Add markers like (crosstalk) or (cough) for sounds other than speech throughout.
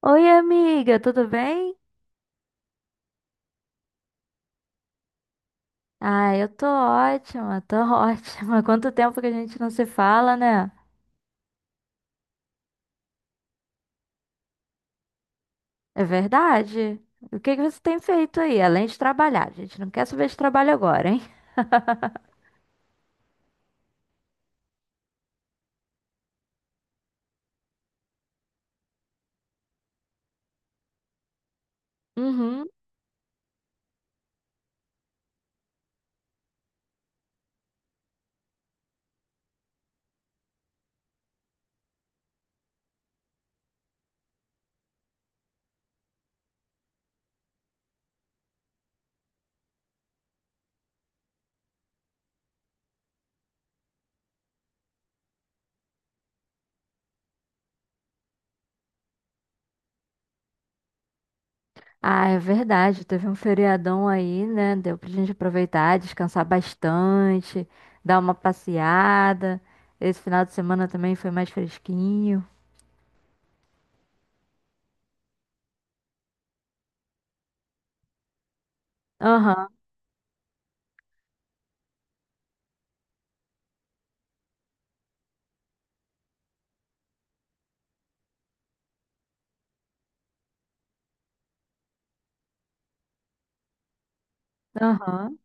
Oi, amiga, tudo bem? Ah, eu tô ótima, tô (laughs) ótima. Quanto tempo que a gente não se fala, né? É verdade. O que que você tem feito aí, além de trabalhar? A gente não quer saber de trabalho agora, hein? (laughs) Uhum. Ah, é verdade. Teve um feriadão aí, né? Deu pra gente aproveitar, descansar bastante, dar uma passeada. Esse final de semana também foi mais fresquinho. Aham, aham.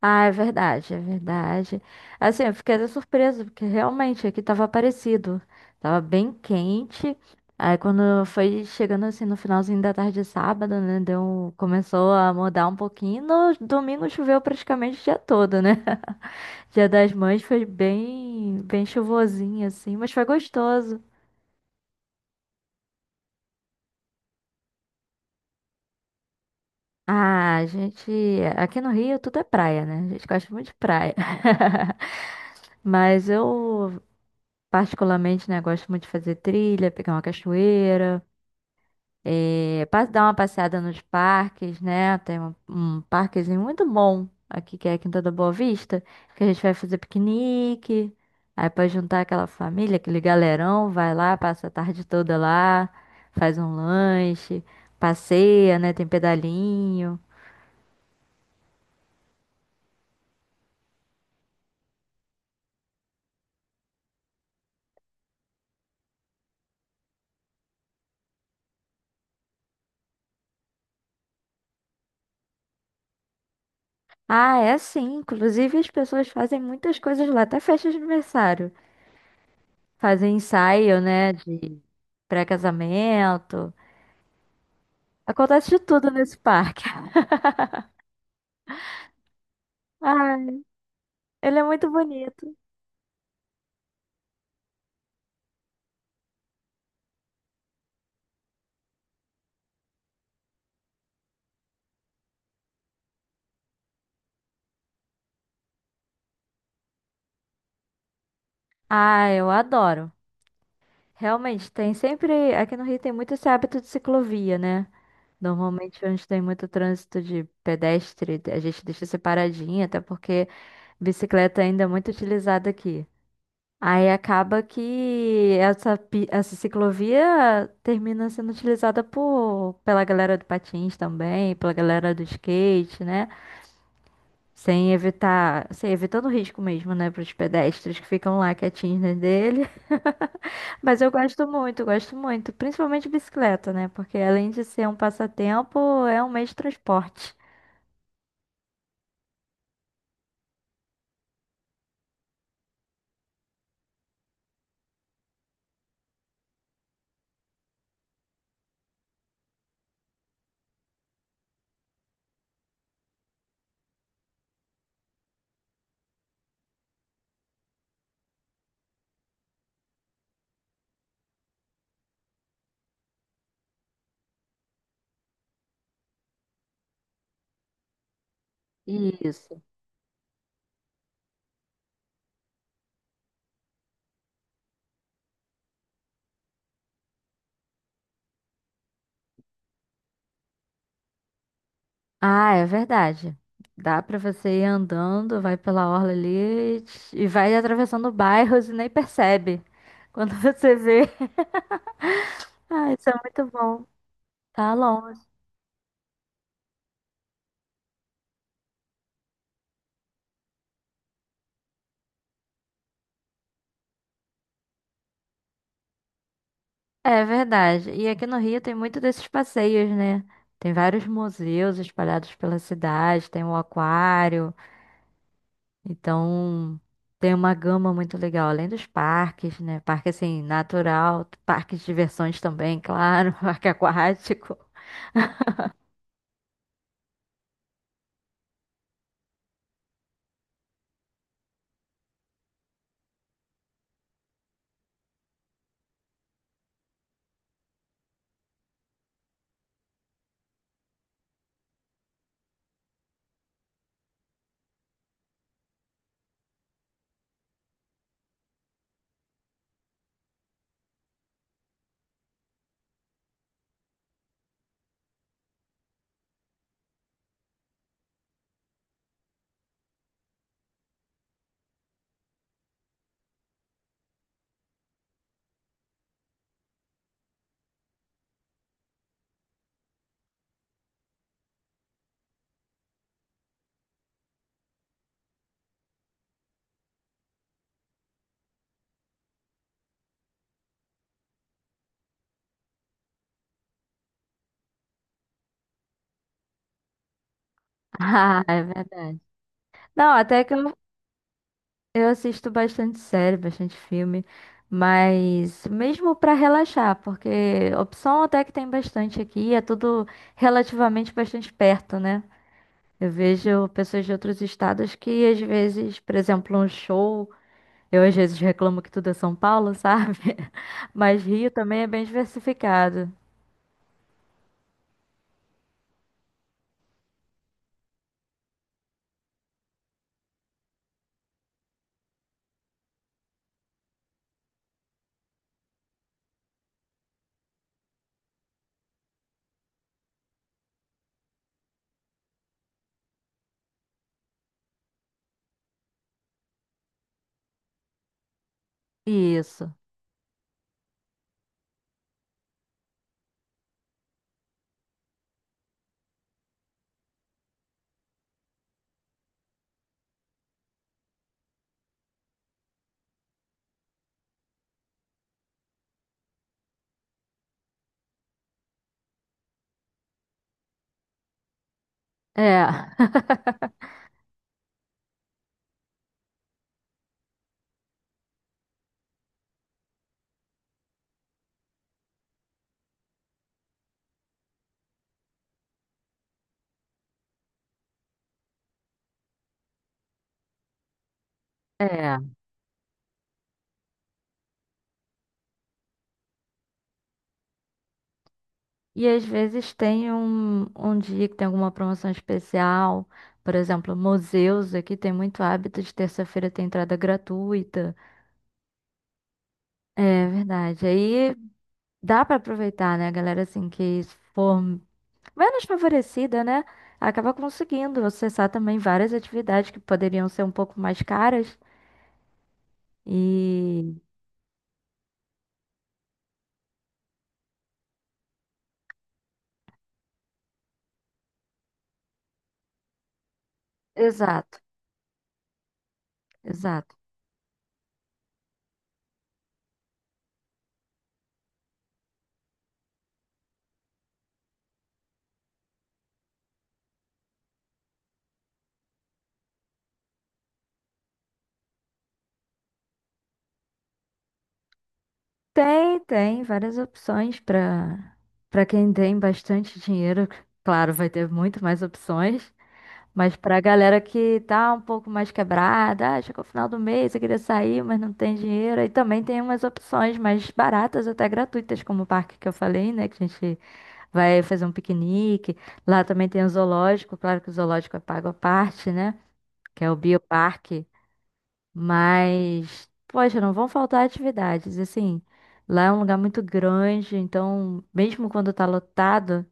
Ah, é verdade, é verdade. Assim, eu fiquei até surpresa, porque realmente aqui tava parecido. Tava bem quente. Aí quando foi chegando assim no finalzinho da tarde de sábado, né? Deu, começou a mudar um pouquinho. No domingo choveu praticamente o dia todo, né? (laughs) Dia das Mães foi bem, bem chuvosinho, assim, mas foi gostoso. Ah, a gente. Aqui no Rio tudo é praia, né? A gente gosta muito de praia. (laughs) Mas eu particularmente, né, gosto muito de fazer trilha, pegar uma cachoeira, dar uma passeada nos parques, né? Tem um parquezinho muito bom aqui, que é a Quinta da Boa Vista, que a gente vai fazer piquenique, aí pode juntar aquela família, aquele galerão, vai lá, passa a tarde toda lá, faz um lanche, passeia, né? Tem pedalinho. Ah, é sim. Inclusive, as pessoas fazem muitas coisas lá, até festa de aniversário. Fazem ensaio, né? Pré-casamento. Acontece de tudo nesse parque. (laughs) Ai, ele é muito bonito. Ah, eu adoro. Realmente, tem sempre. Aqui no Rio tem muito esse hábito de ciclovia, né? Normalmente, onde tem muito trânsito de pedestre, a gente deixa separadinha, até porque bicicleta ainda é muito utilizada aqui. Aí acaba que essa ciclovia termina sendo utilizada pela galera do patins também, pela galera do skate, né? Sem evitando o risco mesmo, né, para os pedestres que ficam lá quietinhos na dele. (laughs) Mas eu gosto muito, principalmente bicicleta, né? Porque além de ser um passatempo, é um meio de transporte. Isso. Ah, é verdade. Dá para você ir andando, vai pela orla ali e vai atravessando bairros e nem percebe. Quando (laughs) você vê. Ah, isso é muito bom. Tá longe. É verdade. E aqui no Rio tem muito desses passeios, né? Tem vários museus espalhados pela cidade, tem o aquário, então tem uma gama muito legal, além dos parques, né? Parque assim, natural, parque de diversões também, claro, (laughs) parque aquático. Ah, é verdade. Não, até que eu assisto bastante série, bastante filme, mas mesmo para relaxar, porque opção até que tem bastante aqui, é tudo relativamente bastante perto, né? Eu vejo pessoas de outros estados que às vezes, por exemplo, um show, eu às vezes reclamo que tudo é São Paulo, sabe? (laughs) Mas Rio também é bem diversificado. Isso. É. (laughs) É. E às vezes tem um dia que tem alguma promoção especial. Por exemplo, museus aqui tem muito hábito de terça-feira ter entrada gratuita. É verdade. Aí dá para aproveitar, né, galera? Assim, que se for menos favorecida, né? Acaba conseguindo acessar também várias atividades que poderiam ser um pouco mais caras. E. Exato, exato. Tem, tem várias opções para quem tem bastante dinheiro. Claro, vai ter muito mais opções. Mas para a galera que tá um pouco mais quebrada, ah, chegou o final do mês, eu queria sair, mas não tem dinheiro. Aí também tem umas opções mais baratas, até gratuitas, como o parque que eu falei, né? Que a gente vai fazer um piquenique. Lá também tem o zoológico, claro que o zoológico é pago à parte, né? Que é o bioparque. Mas, poxa, não vão faltar atividades. Assim, lá é um lugar muito grande, então, mesmo quando tá lotado,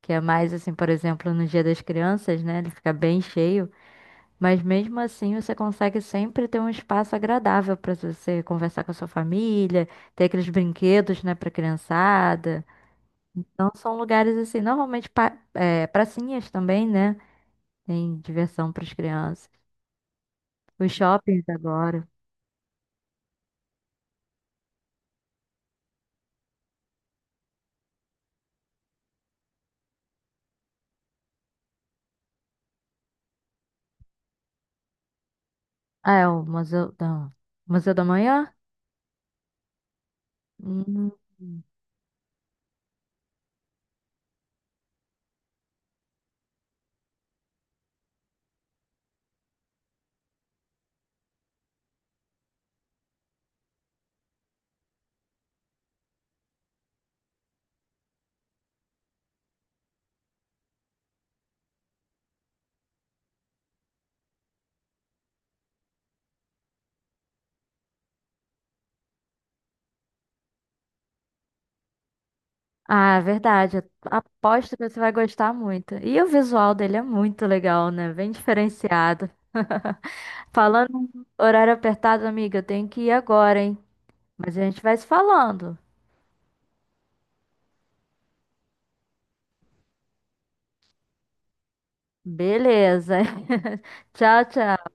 que é mais assim, por exemplo, no Dia das Crianças, né? Ele fica bem cheio. Mas mesmo assim, você consegue sempre ter um espaço agradável para você conversar com a sua família, ter aqueles brinquedos, né, para criançada. Não são lugares assim, normalmente pracinhas também, né? Tem diversão para as crianças. Os shoppings agora. Ah, é o Museu da Manhã? Hum. Ah, é verdade. Aposto que você vai gostar muito. E o visual dele é muito legal, né? Bem diferenciado. (laughs) Falando em horário apertado, amiga, eu tenho que ir agora, hein? Mas a gente vai se falando. Beleza. (laughs) Tchau, tchau.